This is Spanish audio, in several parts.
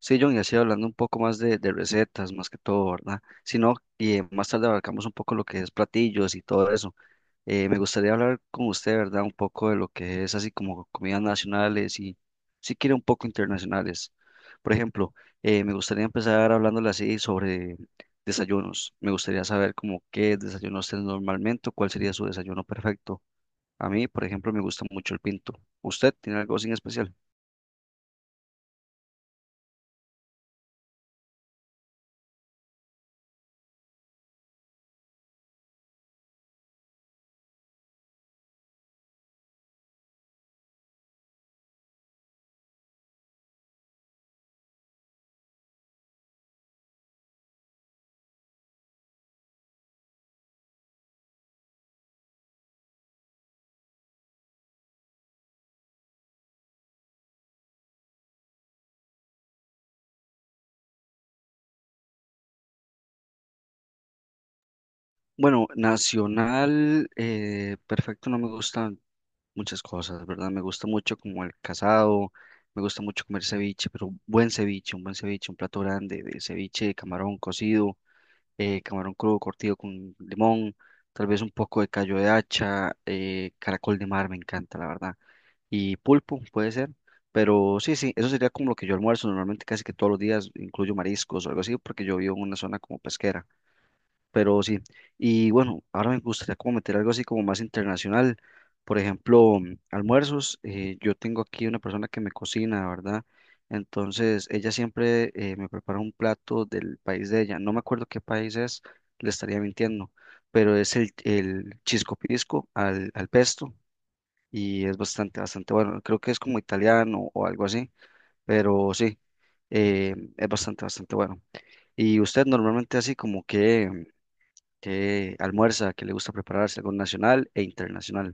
Sí, John, y así hablando un poco más de recetas, más que todo, ¿verdad? Si no, y más tarde abarcamos un poco lo que es platillos y todo eso. Me gustaría hablar con usted, ¿verdad? Un poco de lo que es así como comidas nacionales y, si quiere, un poco internacionales. Por ejemplo, me gustaría empezar hablándole así sobre desayunos. Me gustaría saber como qué desayuno usted normalmente, o cuál sería su desayuno perfecto. A mí, por ejemplo, me gusta mucho el pinto. ¿Usted tiene algo así en especial? Bueno, nacional, perfecto, no me gustan muchas cosas, ¿verdad? Me gusta mucho como el casado, me gusta mucho comer ceviche, pero un buen ceviche, un buen ceviche, un plato grande de ceviche de camarón cocido, camarón crudo curtido con limón, tal vez un poco de callo de hacha, caracol de mar, me encanta, la verdad. Y pulpo, puede ser, pero sí, sí, eso sería como lo que yo almuerzo normalmente casi que todos los días, incluyo mariscos o algo así, porque yo vivo en una zona como pesquera pero sí. Y bueno, ahora me gustaría como meter algo así como más internacional. Por ejemplo, almuerzos. Yo tengo aquí una persona que me cocina, ¿verdad? Entonces, ella siempre me prepara un plato del país de ella. No me acuerdo qué país es, le estaría mintiendo, pero es el chisco pisco al pesto y es bastante, bastante bueno. Creo que es como italiano o algo así, pero sí, es bastante, bastante bueno. ¿Y usted normalmente así como que almuerza, que le gusta prepararse algo nacional e internacional?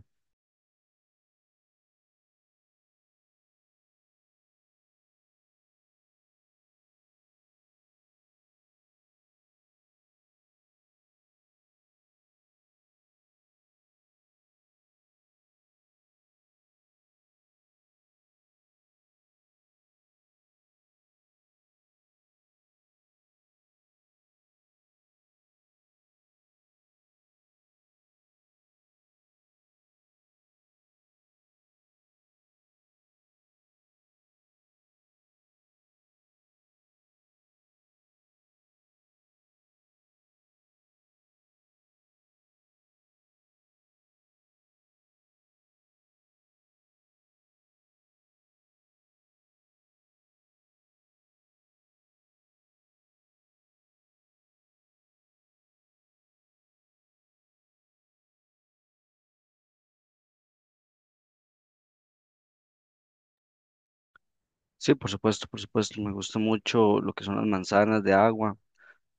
Sí, por supuesto, me gusta mucho lo que son las manzanas de agua,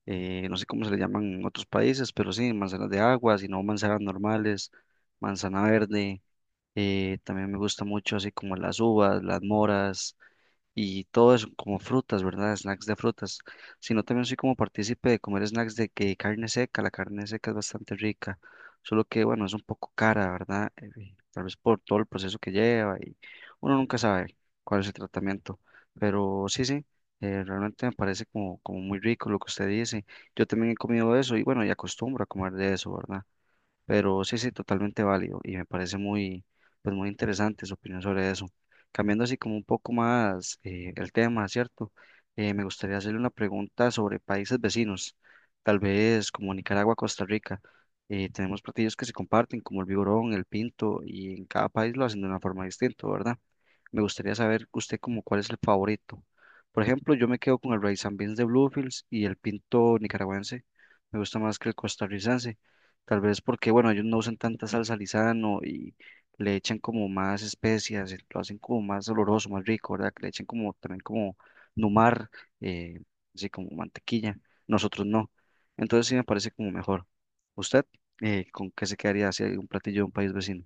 no sé cómo se le llaman en otros países, pero sí, manzanas de agua, si no manzanas normales, manzana verde, también me gusta mucho así como las uvas, las moras y todo eso, como frutas, ¿verdad? Snacks de frutas, sino también soy como partícipe de comer snacks de que carne seca, la carne seca es bastante rica, solo que bueno, es un poco cara, ¿verdad? Tal vez por todo el proceso que lleva y uno nunca sabe cuál es el tratamiento, pero sí, sí, realmente me parece como, como muy rico lo que usted dice. Yo también he comido eso y bueno, y acostumbro a comer de eso, ¿verdad? Pero sí, sí, totalmente válido y me parece muy, pues muy interesante su opinión sobre eso. Cambiando así como un poco más el tema, ¿cierto? Me gustaría hacerle una pregunta sobre países vecinos, tal vez como Nicaragua, Costa Rica. Tenemos platillos que se comparten, como el vigorón, el pinto, y en cada país lo hacen de una forma distinta, ¿verdad? Me gustaría saber usted como cuál es el favorito. Por ejemplo, yo me quedo con el rice and beans de Bluefields y el pinto nicaragüense. Me gusta más que el costarricense. Tal vez porque, bueno, ellos no usan tanta salsa Lizano y le echan como más especias, lo hacen como más oloroso, más rico, ¿verdad? Que le echan como también como numar, eh, así como mantequilla. Nosotros no. Entonces sí me parece como mejor. ¿Usted con qué se quedaría si hay un platillo de un país vecino?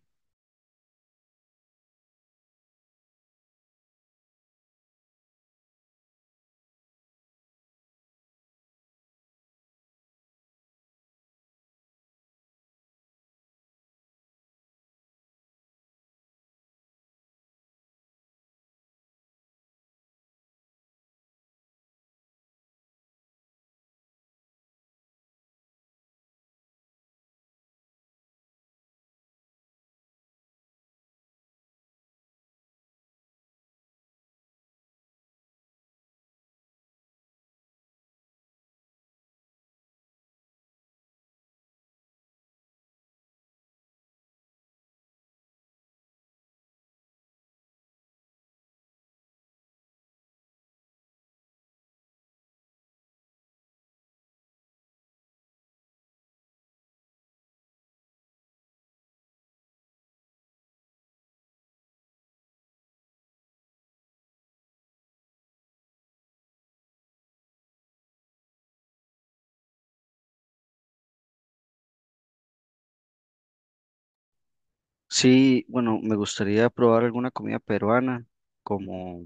Sí, bueno, me gustaría probar alguna comida peruana como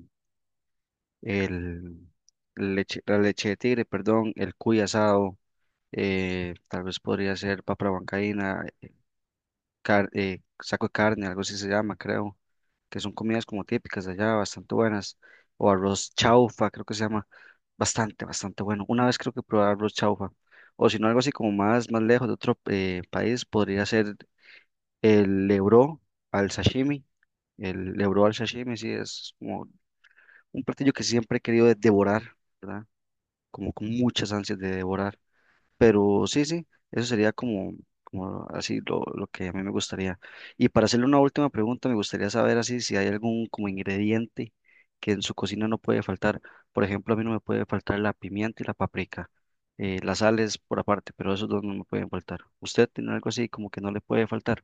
el leche, la leche de tigre, perdón, el cuy asado, tal vez podría ser papa huancaína, saco de carne, algo así se llama, creo, que son comidas como típicas de allá, bastante buenas, o arroz chaufa, creo que se llama, bastante, bastante bueno. Una vez creo que probé arroz chaufa, o si no, algo así como más, más lejos de otro país, podría ser el lebró al sashimi, el lebró al sashimi, sí, es como un platillo que siempre he querido devorar, ¿verdad? Como con muchas ansias de devorar. Pero sí, sí, eso sería como, como así lo que a mí me gustaría. Y para hacerle una última pregunta, me gustaría saber así si hay algún como ingrediente que en su cocina no puede faltar. Por ejemplo, a mí no me puede faltar la pimienta y la paprika. Las sales por aparte, pero esos dos no me pueden faltar. ¿Usted tiene algo así como que no le puede faltar?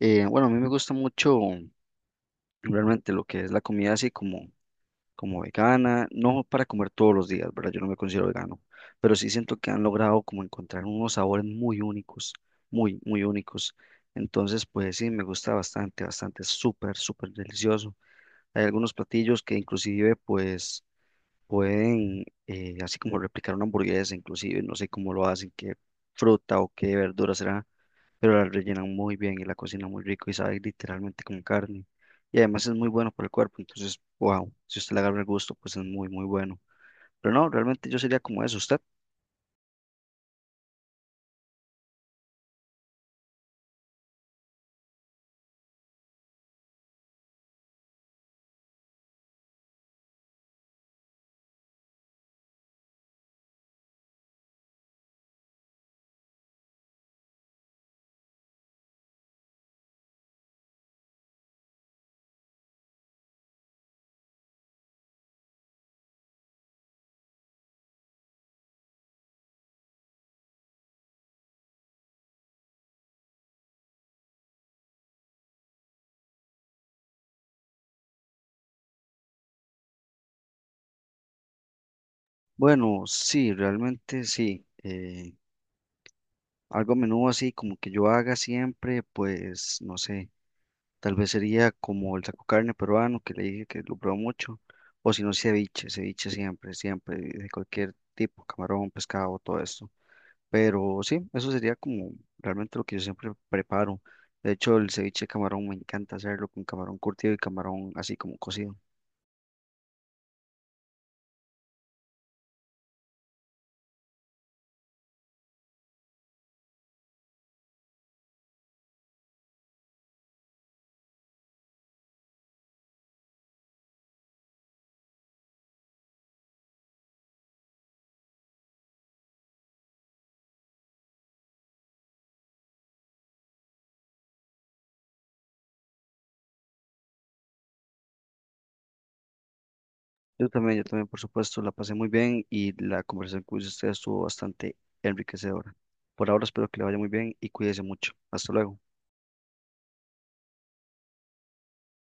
Bueno, a mí me gusta mucho realmente lo que es la comida así como como vegana, no para comer todos los días, ¿verdad? Yo no me considero vegano, pero sí siento que han logrado como encontrar unos sabores muy únicos, muy, muy únicos. Entonces, pues sí, me gusta bastante, bastante, es súper, súper delicioso. Hay algunos platillos que inclusive pues pueden, así como replicar una hamburguesa, inclusive, no sé cómo lo hacen, qué fruta o qué verduras serán pero la rellenan muy bien y la cocinan muy rico y sabe literalmente como carne. Y además es muy bueno para el cuerpo, entonces, wow, si usted le agarra el gusto, pues es muy, muy bueno. Pero no, realmente yo sería como eso, ¿usted? Bueno, sí, realmente sí. Algo a menudo así, como que yo haga siempre, pues no sé, tal vez sería como el taco carne peruano, que le dije que lo probó mucho, o si no, ceviche, ceviche siempre, siempre, de cualquier tipo, camarón, pescado, todo esto. Pero sí, eso sería como realmente lo que yo siempre preparo. De hecho, el ceviche de camarón me encanta hacerlo con camarón curtido y camarón así como cocido. Yo también, por supuesto, la pasé muy bien y la conversación con usted estuvo bastante enriquecedora. Por ahora espero que le vaya muy bien y cuídese mucho. Hasta luego.